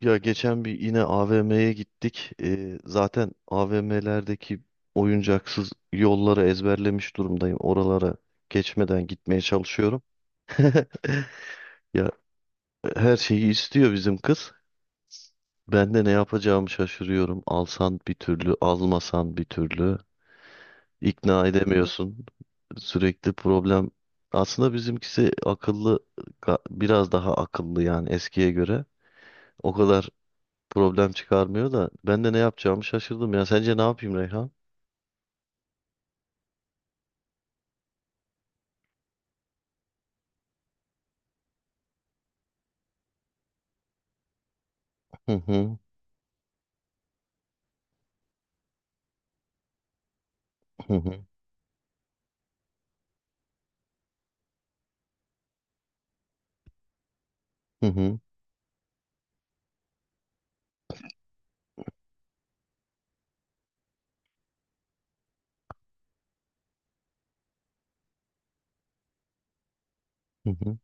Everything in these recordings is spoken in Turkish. Ya geçen bir yine AVM'ye gittik. Zaten AVM'lerdeki oyuncaksız yolları ezberlemiş durumdayım. Oralara geçmeden gitmeye çalışıyorum. Ya her şeyi istiyor bizim kız. Ben de ne yapacağımı şaşırıyorum. Alsan bir türlü, almasan bir türlü. İkna edemiyorsun. Sürekli problem. Aslında bizimkisi akıllı, biraz daha akıllı yani eskiye göre. O kadar problem çıkarmıyor da ben de ne yapacağımı şaşırdım ya. Sence ne yapayım Reyhan? Hı hı, hı hı, hı hı, hı hı,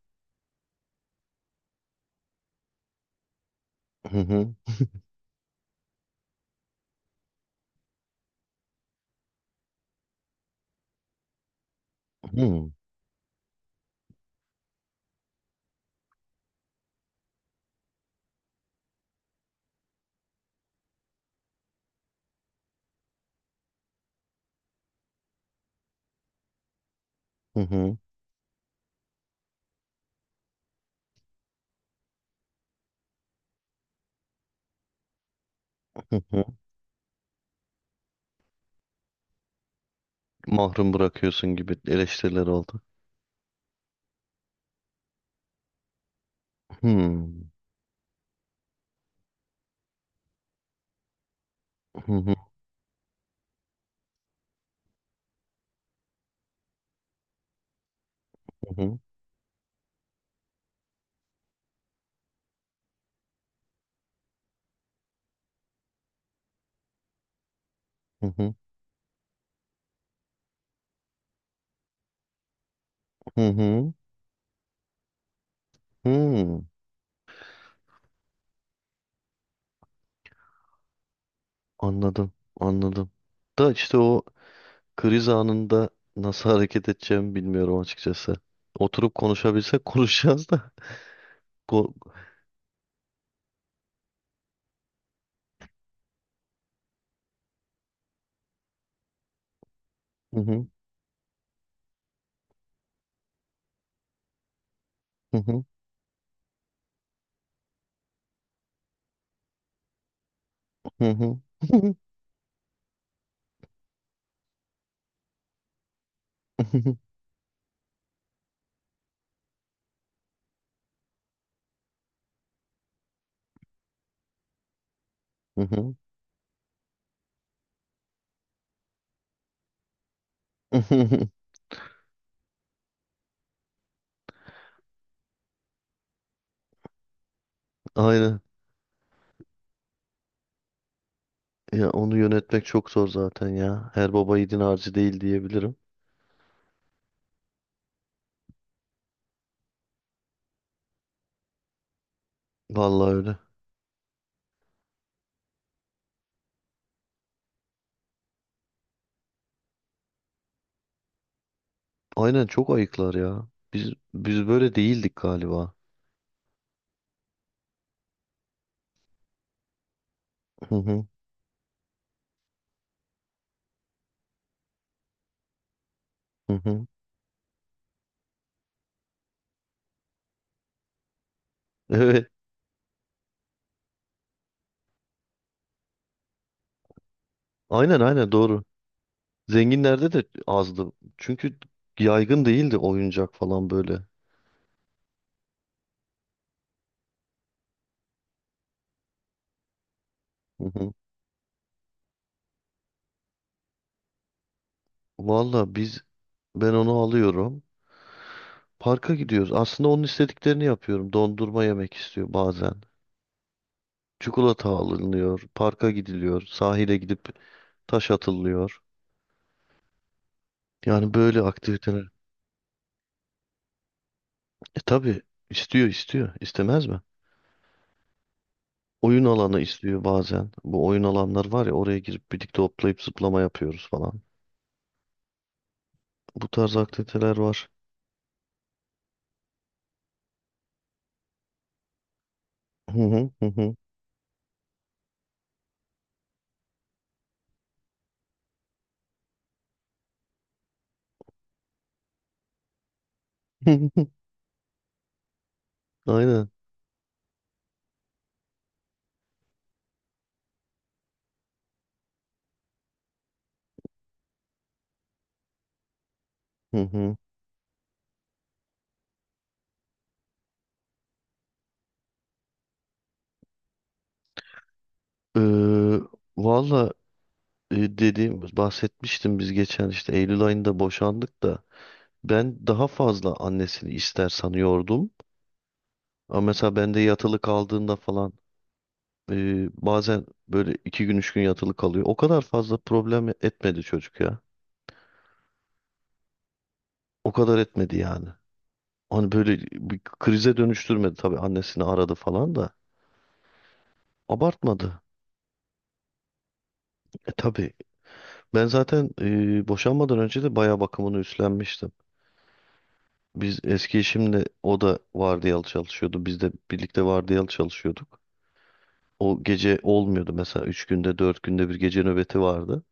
hı hı, hı hı, hı hı. Hı hı. Mahrum bırakıyorsun gibi eleştiriler oldu. Hmm, hı hı, hı hı, hı hı, hı hı, hı. Anladım, anladım. Da işte o kriz anında nasıl hareket edeceğimi bilmiyorum açıkçası. Oturup konuşabilsek konuşacağız da. Ko- Hı hı, hı hı, hı hı, hı hı, hı hı, hı hı. Aynen. Ya onu yönetmek çok zor zaten ya. Her baba yiğidin harcı değil diyebilirim. Vallahi öyle. Aynen çok ayıklar ya. Biz böyle değildik galiba. Hı hı hı hı. Evet. Aynen aynen doğru. Zenginlerde de azdı. Çünkü yaygın değildi oyuncak falan böyle. Hı hı. Valla ben onu alıyorum. Parka gidiyoruz. Aslında onun istediklerini yapıyorum. Dondurma yemek istiyor bazen. Çikolata alınıyor. Parka gidiliyor. Sahile gidip taş atılıyor. Yani böyle aktiviteler. E tabii istiyor istiyor. İstemez mi? Oyun alanı istiyor bazen. Bu oyun alanlar var ya oraya girip birlikte hoplayıp zıplama yapıyoruz falan. Bu tarz aktiviteler var. Hı hı hı hı. Aynen. Hı hı. Ee, Valla dediğim bahsetmiştim biz geçen işte Eylül ayında boşandık da ben daha fazla annesini ister sanıyordum. Ama mesela ben de yatılı kaldığında falan. Bazen böyle iki gün üç gün yatılı kalıyor. O kadar fazla problem etmedi çocuk ya. O kadar etmedi yani. Hani böyle bir krize dönüştürmedi tabii annesini aradı falan da. Abartmadı. E, tabii. Ben zaten boşanmadan önce de bayağı bakımını üstlenmiştim. Biz eski eşimle o da vardiyalı çalışıyordu. Biz de birlikte vardiyalı çalışıyorduk. O gece olmuyordu mesela. Üç günde dört günde bir gece nöbeti vardı.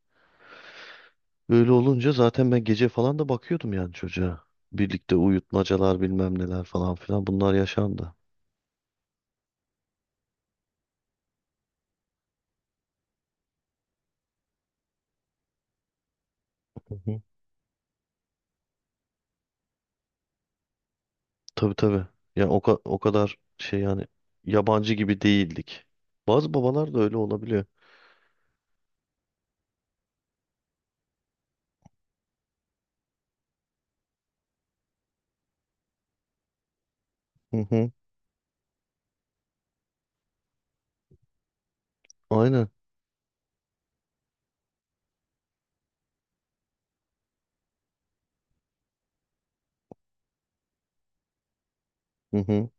Öyle olunca zaten ben gece falan da bakıyordum yani çocuğa. Birlikte uyutmacalar bilmem neler falan filan bunlar yaşandı. Hı hı. Tabii tabii. Yani o, o kadar şey yani yabancı gibi değildik. Bazı babalar da öyle olabiliyor. Hı hı. Aynen. Hı hı.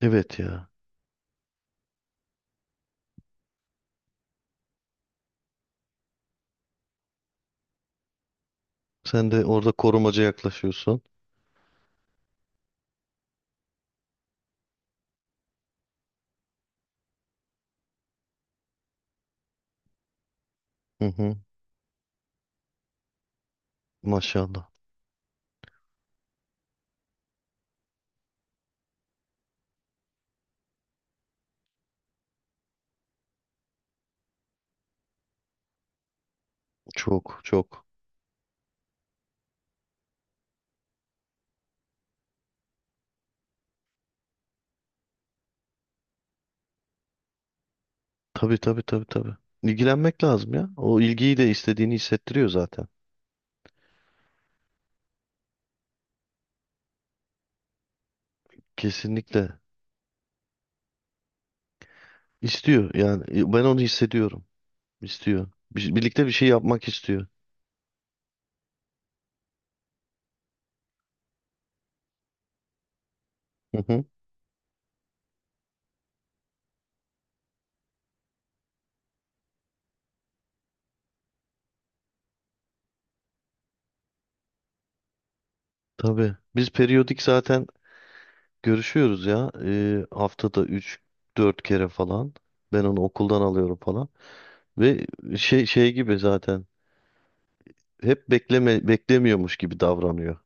Evet ya. Sen de orada korumaca yaklaşıyorsun. Hı hı. Maşallah. Çok çok. Tabii tabii tabii tabii. İlgilenmek lazım ya. O ilgiyi de istediğini hissettiriyor zaten. Kesinlikle. İstiyor yani. E, ben onu hissediyorum. İstiyor. Birlikte bir şey yapmak istiyor. Hı hı. Tabii. Biz periyodik zaten görüşüyoruz ya. Haftada üç dört kere falan. Ben onu okuldan alıyorum falan. Ve şey gibi zaten. Hep bekleme beklemiyormuş gibi davranıyor.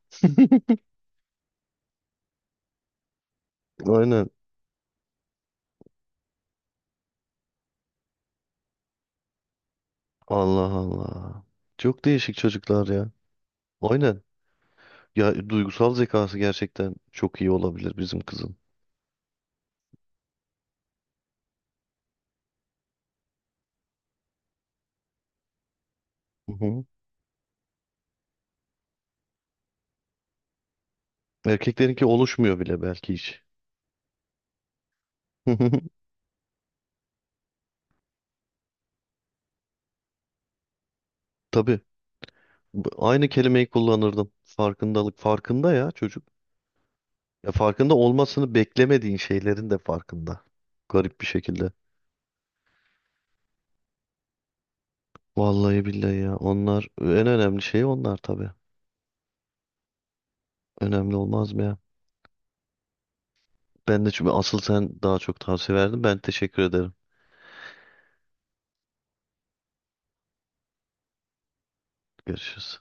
Aynen. Allah Allah. Çok değişik çocuklar ya. Aynen. Ya duygusal zekası gerçekten çok iyi olabilir bizim kızın. Hı hı. Erkeklerinki oluşmuyor bile belki hiç. Tabii. Aynı kelimeyi kullanırdım. Farkındalık farkında ya çocuk. Ya farkında olmasını beklemediğin şeylerin de farkında. Garip bir şekilde. Vallahi billahi ya. Onlar en önemli şey onlar tabii. Önemli olmaz mı ya? Ben de çünkü asıl sen daha çok tavsiye verdin. Ben teşekkür ederim. Görüşürüz.